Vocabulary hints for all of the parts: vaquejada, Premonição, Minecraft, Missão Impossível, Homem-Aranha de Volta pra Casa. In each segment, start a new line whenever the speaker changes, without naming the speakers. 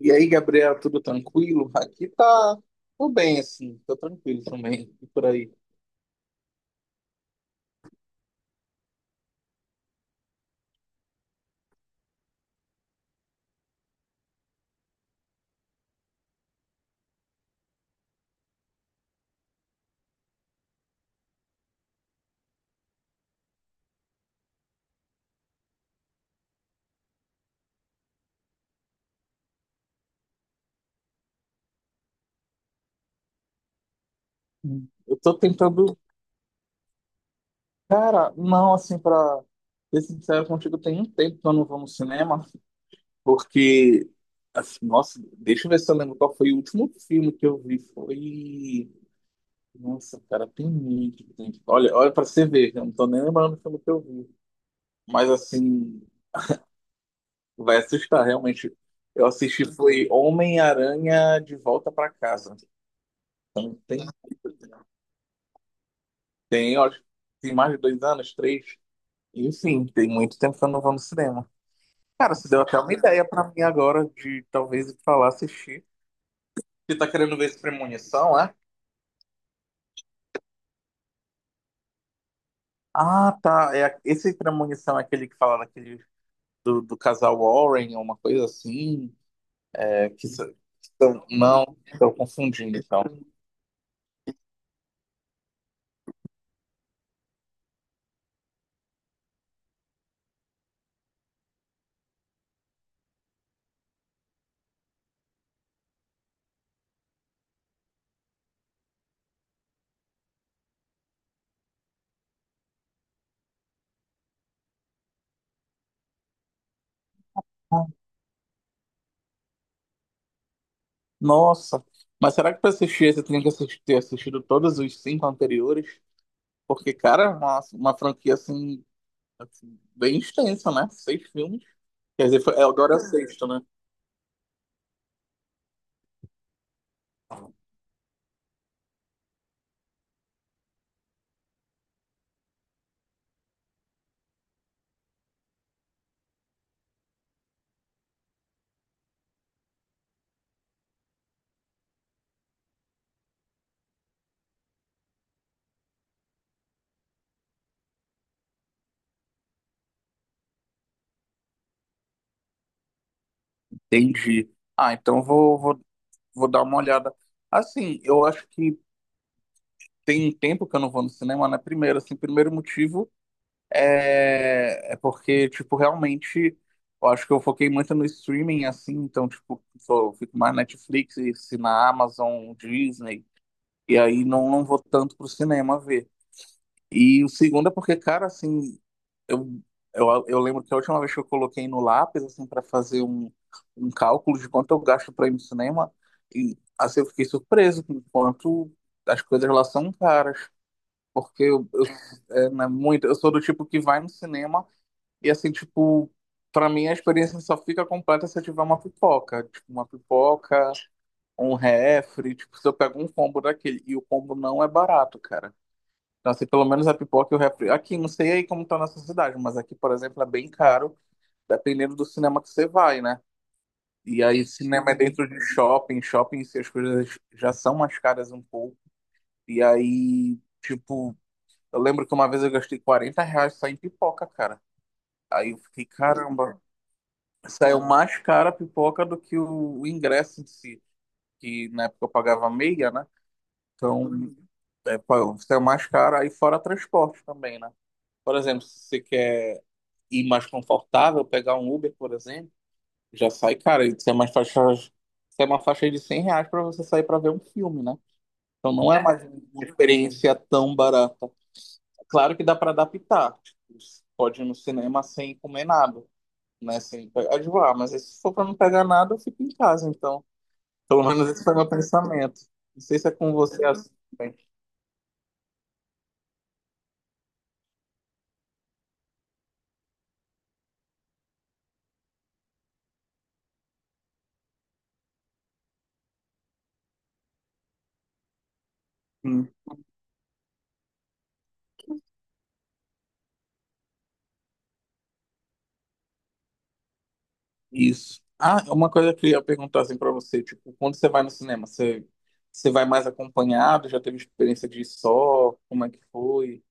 E aí, Gabriel, tudo tranquilo? Aqui tá tudo bem, assim, tô tranquilo também, e por aí. Hum. Eu tô tentando, cara, não, assim, pra ser sincero contigo, tem um tempo que eu não vou no cinema, porque, assim, nossa, deixa eu ver se eu lembro qual foi o último filme que eu vi, foi. Nossa, cara, tem muito tempo. Olha, olha pra você ver, eu não tô nem lembrando o filme que eu vi. Mas, assim, vai assustar, realmente. Eu assisti foi Homem-Aranha de Volta pra Casa. Então, tem, eu acho, que tem mais de 2 anos, três. Enfim, tem muito tempo que eu não vou no cinema. Cara, você deu até uma ideia pra mim agora de talvez ir pra lá assistir. Você tá querendo ver esse Premonição, é? Ah, tá. É, esse Premonição é aquele que fala daquele do casal Warren, ou uma coisa assim. É, que, não, estou confundindo então. Ah, nossa, mas será que pra assistir esse eu tenho que assistir, ter assistido todos os cinco anteriores? Porque, cara, é uma, uma franquia assim, bem extenso, né? Seis filmes. Quer dizer, é, agora é o sexto, né? Entendi. Ah, então vou dar uma olhada. Assim, eu acho que tem um tempo que eu não vou no cinema, né? Primeiro, assim, primeiro motivo é porque, tipo, realmente eu acho que eu foquei muito no streaming, assim, então, tipo, só fico mais Netflix, se na Amazon, Disney, e aí não vou tanto pro cinema ver. E o segundo é porque, cara, assim, Eu, eu lembro que a última vez que eu coloquei no lápis, assim, para fazer um, um cálculo de quanto eu gasto para ir no cinema, e assim eu fiquei surpreso com o quanto as coisas lá são caras. Porque é, né, muito, eu sou do tipo que vai no cinema e, assim, tipo, para mim a experiência só fica completa se eu tiver uma pipoca. Tipo, uma pipoca, um refri, tipo, se eu pego um combo daquele. E o combo não é barato, cara. Então, assim, pelo menos a pipoca e o refri. Aqui, não sei aí como tá na sua cidade, mas aqui, por exemplo, é bem caro, dependendo do cinema que você vai, né? E aí, cinema é dentro de shopping, shopping, se as coisas já são mais caras um pouco. E aí, tipo, eu lembro que uma vez eu gastei R$ 40 só em pipoca, cara. Aí eu fiquei, caramba, saiu mais cara a pipoca do que o ingresso em si, que na época eu pagava meia, né? Então, é, pô, saiu mais caro, aí fora transporte também, né? Por exemplo, se você quer e mais confortável, pegar um Uber, por exemplo, já sai, cara, isso é mais faixa, isso é uma faixa de R$ 100 para você sair para ver um filme, né? Então não é mais uma experiência tão barata. Claro que dá para adaptar. Tipo, pode ir no cinema sem comer nada, né? Sem pegar de lá, mas se for para não pegar nada, eu fico em casa, então. Pelo menos esse foi meu pensamento. Não sei se é com você assim. Também. Isso. Ah, uma coisa que eu ia perguntar assim pra você, tipo, quando você vai no cinema, você, você vai mais acompanhado? Já teve experiência de ir só? Como é que foi?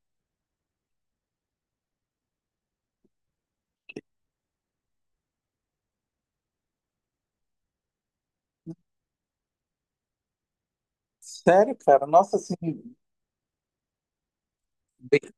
Sério, cara? Nossa, assim, bem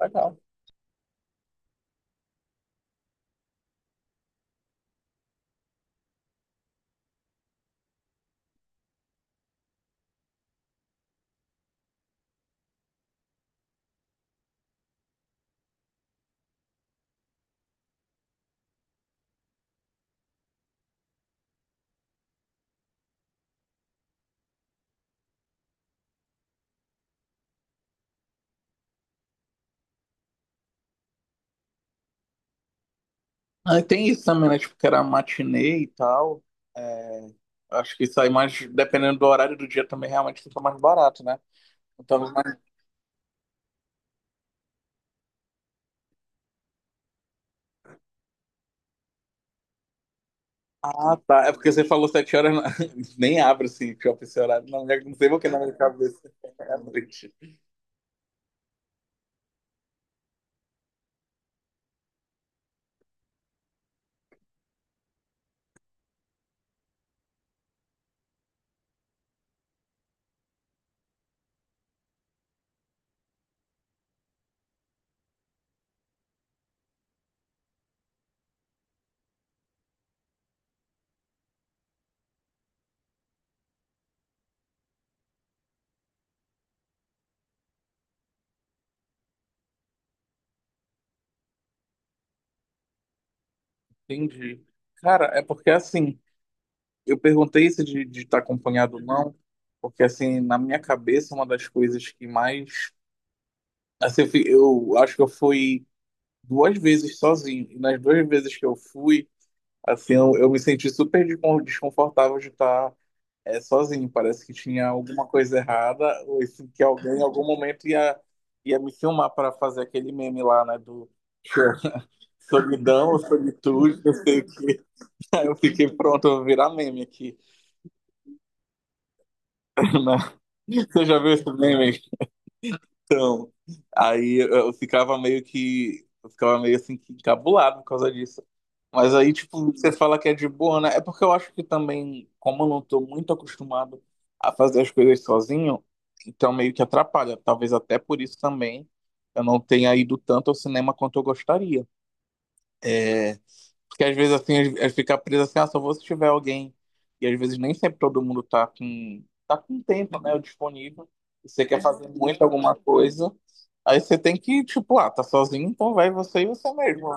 legal. Ah, e tem isso também, né? Tipo, que era matinê e tal. É, acho que sai mais, dependendo do horário do dia também, realmente fica mais barato, né? Então, ah, tá. É porque você falou 7 horas, nem abre assim, shopping esse horário. Não, não sei por que na minha cabeça é à noite. Entendi. Cara, é porque assim, eu perguntei isso de estar acompanhado ou não, porque assim, na minha cabeça, uma das coisas que mais. Assim, eu acho que eu fui duas vezes sozinho, e nas duas vezes que eu fui, assim, eu me senti super desconfortável de estar é, sozinho. Parece que tinha alguma coisa errada, ou assim, que alguém em algum momento ia, ia me filmar para fazer aquele meme lá, né, do. Solidão, ou solitude, não sei o quê. Aí eu fiquei pronto, eu vou virar meme aqui. Na. Você já viu esse meme? Então, aí eu ficava meio que. Eu ficava meio assim que encabulado por causa disso. Mas aí, tipo, você fala que é de boa, né? É porque eu acho que também, como eu não tô muito acostumado a fazer as coisas sozinho, então meio que atrapalha. Talvez até por isso também eu não tenha ido tanto ao cinema quanto eu gostaria. Porque às vezes assim, é ficar preso assim, ah, só vou se tiver alguém. E às vezes nem sempre todo mundo tá com tempo, né? Disponível. E você quer fazer muito alguma coisa. Aí você tem que, tipo, ah, tá sozinho, então vai você e você mesmo.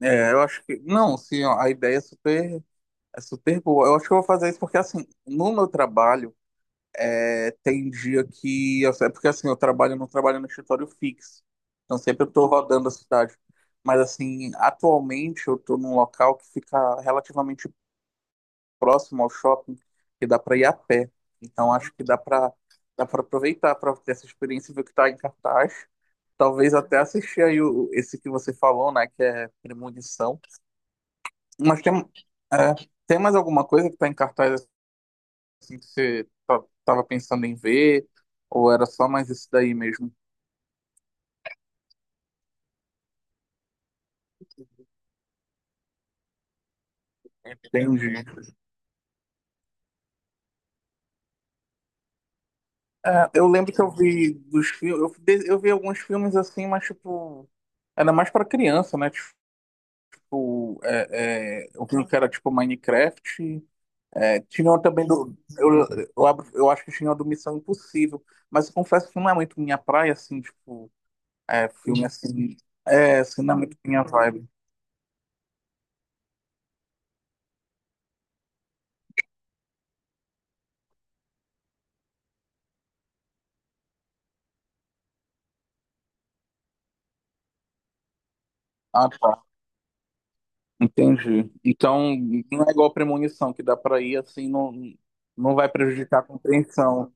É, eu acho que. Não, sim, ó, a ideia é super boa. Eu acho que eu vou fazer isso porque, assim, no meu trabalho. É, tem dia que. É porque assim, eu trabalho, eu não trabalho no escritório fixo. Então sempre eu tô rodando a cidade. Mas assim, atualmente eu tô num local que fica relativamente próximo ao shopping, que dá para ir a pé. Então acho que dá para aproveitar para ter essa experiência e ver o que tá em cartaz. Talvez até assistir aí esse que você falou, né? Que é Premonição. Mas é, tem mais alguma coisa que tá em cartaz assim, que você tava pensando em ver? Ou era só mais esse daí mesmo? Entendi. É, eu lembro que eu vi dos filmes, eu vi alguns filmes assim, mas tipo, era mais pra criança, né? Tipo, eu vi um que era tipo Minecraft. É, tinha um também do. Eu, eu acho que tinha um do Missão Impossível. Mas eu confesso que não é muito minha praia, assim, tipo, é, filme assim. É, assim, não é muito minha vibe. Ah, tá. Entendi. Então, não é igual Premonição, que dá para ir assim, não, não vai prejudicar a compreensão.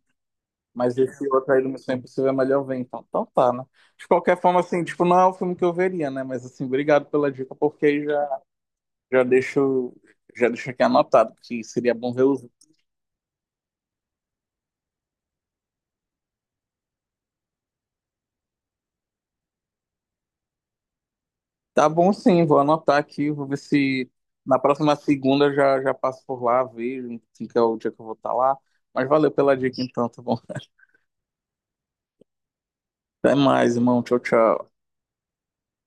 Mas esse outro aí do Missão Impossível é melhor ver, então. Então tá, né? De qualquer forma, assim, tipo, não é o filme que eu veria, né? Mas assim, obrigado pela dica, porque aí já deixo, já deixo aqui anotado, que seria bom ver os. Tá bom sim, vou anotar aqui, vou ver se na próxima segunda eu já passo por lá, vejo, enfim, que é o dia que eu vou estar lá. Mas valeu pela dica então, tá bom? Até mais, irmão. Tchau, tchau.